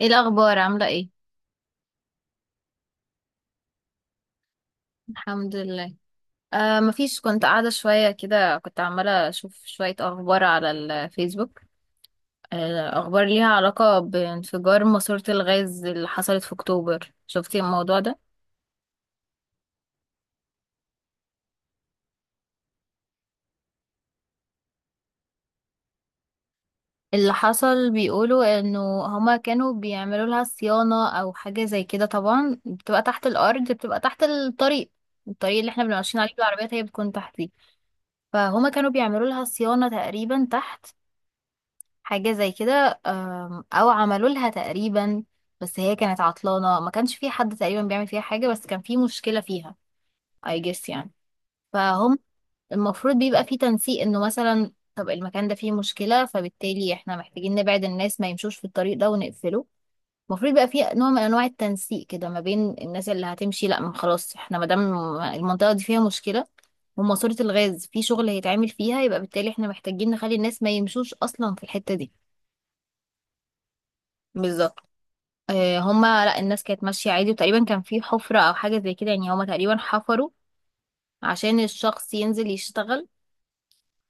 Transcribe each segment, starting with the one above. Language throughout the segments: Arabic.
ايه الاخبار عامله ايه؟ الحمد لله. مفيش، كنت قاعده شويه كده، كنت عماله اشوف شويه اخبار على الفيسبوك. اخبار ليها علاقه بانفجار ماسوره الغاز اللي حصلت في اكتوبر، شفتي الموضوع ده؟ اللي حصل بيقولوا انه هما كانوا بيعملوا لها صيانه او حاجه زي كده، طبعا بتبقى تحت الارض، بتبقى تحت الطريق. الطريق اللي احنا بنبقى ماشيين عليه بالعربيات هي بتكون تحت دي. فهما كانوا بيعملوا لها صيانه تقريبا تحت، حاجة زي كده أو عملوا لها تقريبا. بس هي كانت عطلانة، ما كانش في حد تقريبا بيعمل فيها حاجة، بس كان في مشكلة فيها I guess يعني. فهم. المفروض بيبقى في تنسيق إنه مثلا طب المكان ده فيه مشكلة، فبالتالي إحنا محتاجين نبعد الناس ما يمشوش في الطريق ده ونقفله. المفروض يبقى في نوع من أنواع التنسيق كده ما بين الناس اللي هتمشي. لأ، ما خلاص إحنا مادام المنطقة دي فيها مشكلة وماسورة الغاز في شغل هيتعمل فيها، يبقى بالتالي إحنا محتاجين نخلي الناس ما يمشوش أصلا في الحتة دي. بالظبط. هما، لا الناس كانت ماشية عادي وتقريبا كان في حفرة أو حاجة زي كده يعني، هما تقريبا حفروا عشان الشخص ينزل يشتغل.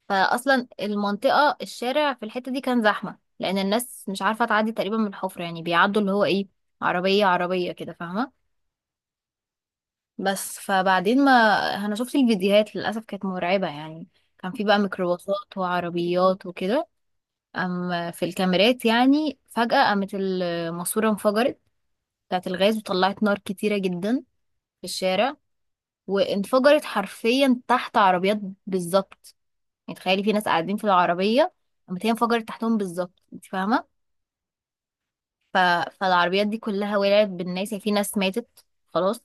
فأصلا المنطقة الشارع في الحتة دي كان زحمة لأن الناس مش عارفة تعدي تقريبا من الحفرة، يعني بيعدوا اللي هو إيه، عربية عربية كده، فاهمة؟ بس فبعدين ما أنا شفت الفيديوهات للأسف كانت مرعبة يعني. كان في بقى ميكروباصات وعربيات وكده. في الكاميرات يعني فجأة قامت الماسورة انفجرت، بتاعت الغاز، وطلعت نار كتيرة جدا في الشارع. وانفجرت حرفيا تحت عربيات. بالظبط. يعني تخيلي في ناس قاعدين في العربية، قامت هي انفجرت تحتهم، بالظبط، انت فاهمة؟ ف... فالعربيات دي كلها ولعت بالناس يعني، في ناس ماتت خلاص،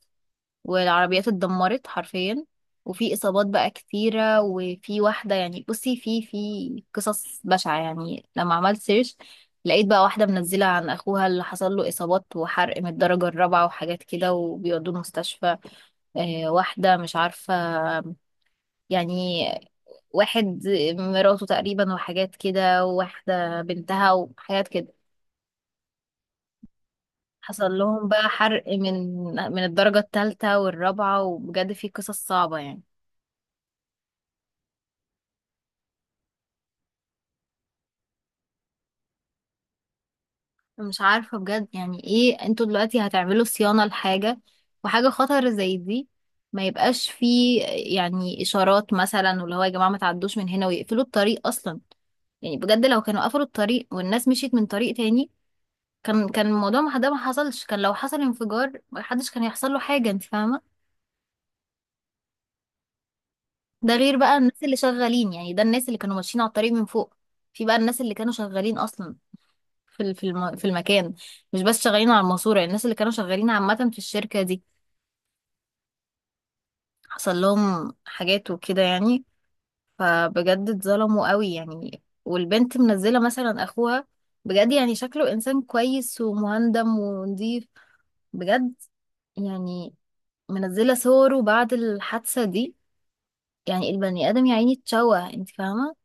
والعربيات اتدمرت حرفيا. وفي إصابات بقى كتيرة، وفي واحدة يعني بصي، في قصص بشعة يعني. لما عملت سيرش لقيت بقى واحدة منزلة عن أخوها اللي حصل له إصابات وحرق من الدرجة الرابعة وحاجات كده وبيودوه المستشفى. واحدة مش عارفة يعني، واحد مراته تقريبا وحاجات كده، وواحدة بنتها وحاجات كده. حصل لهم بقى حرق من الدرجة الثالثة والرابعة، وبجد في قصص صعبة يعني. مش عارفة بجد يعني ايه، انتوا دلوقتي هتعملوا صيانة لحاجة وحاجة خطر زي دي؟ ما يبقاش فيه يعني إشارات مثلا، واللي هو يا جماعة ما تعدوش من هنا، ويقفلوا الطريق أصلا؟ يعني بجد لو كانوا قفلوا الطريق والناس مشيت من طريق تاني، كان الموضوع ما ده ما حصلش، كان لو حصل انفجار ما حدش كان يحصل له حاجة، انت فاهمة؟ ده غير بقى الناس اللي شغالين، يعني ده الناس اللي كانوا ماشيين على الطريق من فوق. في بقى الناس اللي كانوا شغالين اصلا في المكان، مش بس شغالين على الماسورة، الناس اللي كانوا شغالين عامة في الشركة دي حصل لهم حاجات وكده يعني. فبجد اتظلموا قوي يعني. والبنت منزلة مثلا اخوها، بجد يعني شكله انسان كويس ومهندم ونضيف بجد يعني، منزلة صوره بعد الحادثة دي، يعني البني آدم يا عيني اتشوه، انت فاهمة؟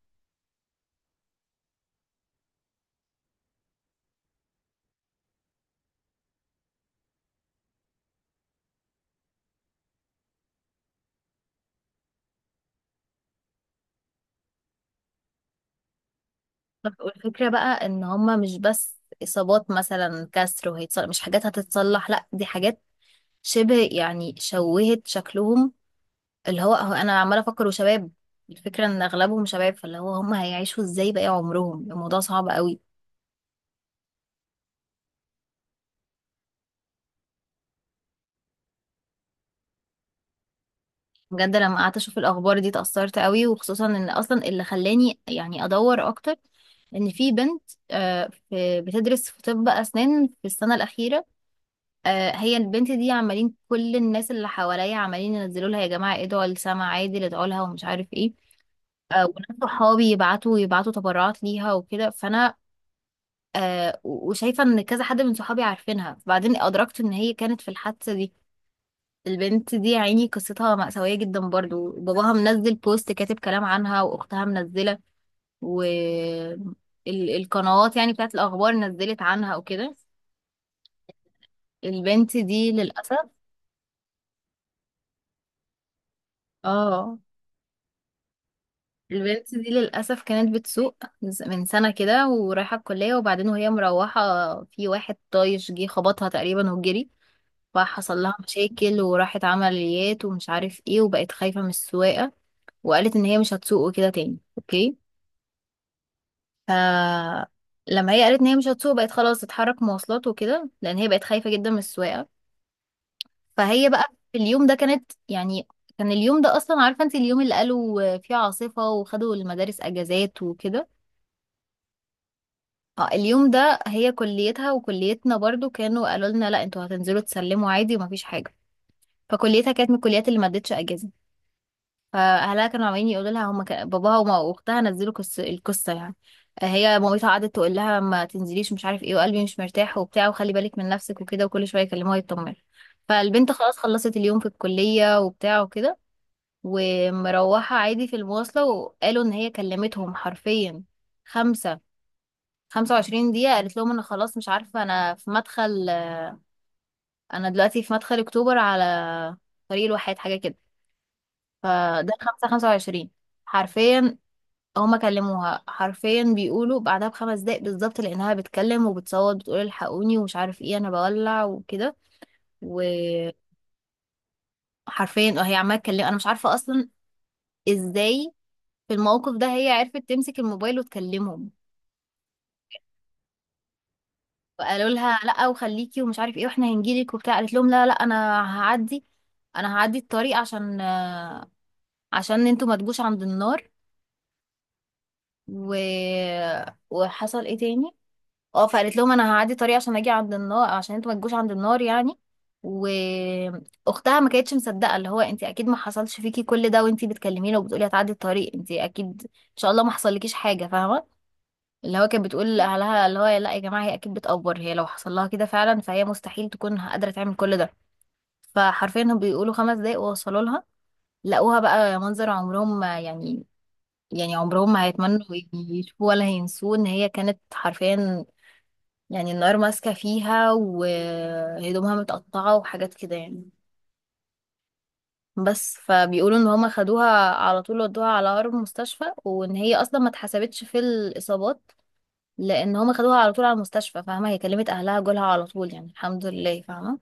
والفكرة بقى ان هما مش بس اصابات مثلا كسر وهيتصلح، مش حاجات هتتصلح، لا دي حاجات شبه يعني شوهت شكلهم. اللي هو انا عمالة افكر، وشباب. الفكرة ان اغلبهم شباب، فاللي هو هما هيعيشوا ازاي باقي عمرهم؟ الموضوع صعب قوي. بجد لما قعدت اشوف الاخبار دي اتأثرت قوي، وخصوصا ان اصلا اللي خلاني يعني ادور اكتر ان في بنت. بتدرس في طب اسنان في السنة الاخيرة. هي البنت دي عمالين كل الناس اللي حواليا عمالين ينزلوا لها يا جماعه ادعوا لسما عادل، ادعوا لها ومش عارف ايه. وناس صحابي يبعتوا تبرعات ليها وكده، فانا وشايفه ان كذا حد من صحابي عارفينها، بعدين ادركت ان هي كانت في الحادثه دي. البنت دي يا عيني قصتها مأساوية جدا، برضو باباها منزل بوست كاتب كلام عنها، وأختها منزلة، والقنوات يعني بتاعت الأخبار نزلت عنها وكده. البنت دي للأسف. اه، البنت دي للأسف كانت بتسوق من سنة كده ورايحة الكلية، وبعدين وهي مروحة في واحد طايش جه خبطها تقريبا وجري، فحصل لها مشاكل وراحت عمليات ومش عارف ايه، وبقت خايفة من السواقة. وقالت ان هي مش هتسوق وكده تاني. اوكي. ف لما هي قالت ان هي مش هتسوق بقت خلاص تتحرك مواصلات وكده لان هي بقت خايفة جدا من السواقة. فهي بقى في اليوم ده كانت يعني، كان اليوم ده اصلا عارفة انت اليوم اللي قالوا فيه عاصفة وخدوا المدارس اجازات وكده. اه، اليوم ده هي كليتها وكليتنا برضو كانوا قالوا لنا لا انتوا هتنزلوا تسلموا عادي ومفيش حاجه. فكليتها كانت من الكليات اللي ما ادتش اجازه. فاهلها كانوا عمالين يقولوا لها، باباها واختها نزلوا القصه يعني. هي مامتها قعدت تقول لها ما تنزليش مش عارف ايه، وقلبي مش مرتاح وبتاع، وخلي بالك من نفسك وكده، وكل شويه يكلموها يطمنوا. فالبنت خلاص خلصت اليوم في الكليه وبتاع وكده، ومروحه عادي في المواصله، وقالوا ان هي كلمتهم حرفيا خمسة 25 دقيقة. قالت لهم أنا خلاص مش عارفة، أنا في مدخل، أنا دلوقتي في مدخل أكتوبر على طريق الواحات حاجة كده. فده 25 حرفيا. هما كلموها حرفيا، بيقولوا بعدها ب5 دقايق بالظبط، لأنها بتكلم وبتصوت، بتقول الحقوني ومش عارف ايه، أنا بولع وكده. وحرفيا وهي عمالة تكلم، أنا مش عارفة أصلا ازاي في الموقف ده هي عرفت تمسك الموبايل وتكلمهم. قالوا لها لا وخليكي ومش عارف ايه واحنا هنجيلك وبتاع. قالت لهم لا لا انا هعدي الطريق، عشان عشان انتوا ما تجوش عند النار. و... وحصل ايه تاني. اه، فقالت لهم انا هعدي الطريق عشان اجي عند النار، عشان انتوا ما تجوش عند النار يعني. واختها ما كانتش مصدقه، اللي هو انت اكيد ما حصلش فيكي كل ده وانت بتكلميني وبتقولي هتعدي الطريق، انت اكيد ان شاء الله ما حصلكيش حاجه، فاهمه؟ اللي هو كانت بتقول لأهلها، اللي هو لا يا جماعة هي أكيد بتأفور، هي لو حصل لها كده فعلا فهي مستحيل تكون قادرة تعمل كل ده. فحرفيا هم بيقولوا 5 دقايق ووصلوا لها. لقوها بقى منظر عمرهم ما يعني، يعني عمرهم ما هيتمنوا يشوفوه ولا هينسوه، إن هي كانت حرفيا يعني النار ماسكة فيها وهدومها متقطعة وحاجات كده يعني. بس فبيقولوا ان هما خدوها على طول ودوها على أقرب مستشفى، وان هي اصلا ما اتحسبتش في الاصابات، لان هما خدوها على طول على المستشفى. فاهمه، هي كلمت اهلها جولها على طول يعني الحمد لله، فاهمه؟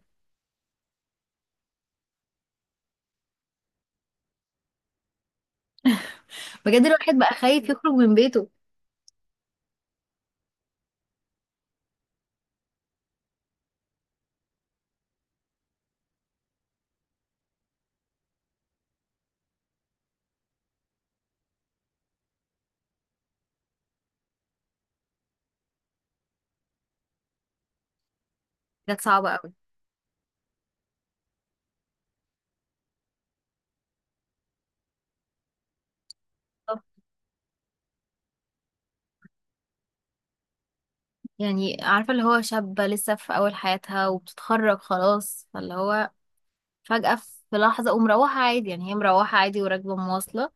بجد الواحد بقى خايف يخرج من بيته. كانت صعبه قوي. طب، يعني عارفه اللي هو شابه لسه في اول حياتها وبتتخرج خلاص، فاللي هو فجاه في لحظه ومروحه عادي، يعني هي مروحه عادي وراكبه مواصله،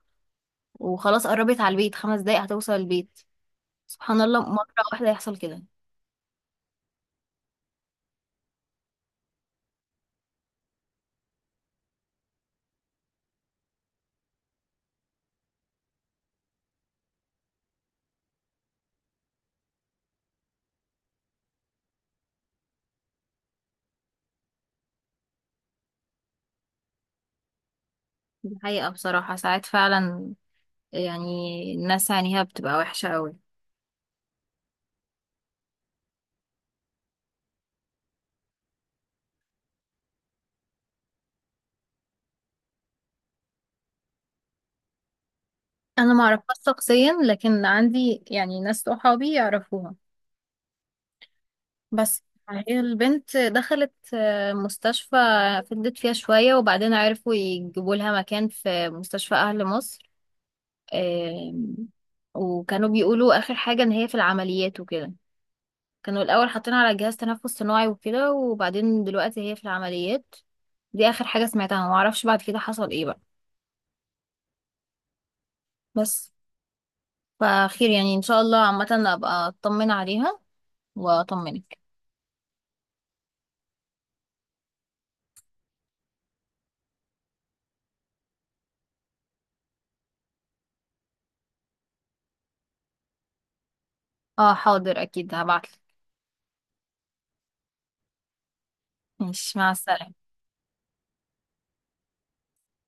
وخلاص قربت على البيت، 5 دقايق هتوصل البيت، سبحان الله، مره واحده يحصل كده. دي حقيقه بصراحه، ساعات فعلا يعني الناس عينيها بتبقى وحشه قوي. انا ما اعرفهاش شخصيا لكن عندي يعني ناس صحابي يعرفوها بس. هي البنت دخلت مستشفى، فضلت فيها شوية وبعدين عرفوا يجيبوا لها مكان في مستشفى اهل مصر. آم، وكانوا بيقولوا اخر حاجة ان هي في العمليات وكده. كانوا الاول حاطينها على جهاز تنفس صناعي وكده، وبعدين دلوقتي هي في العمليات. دي اخر حاجة سمعتها، ما اعرفش بعد كده حصل ايه بقى. بس، فخير يعني ان شاء الله عامة، ابقى اطمن عليها واطمنك. اه حاضر اكيد هبعتلك. ماشي مع السلامة.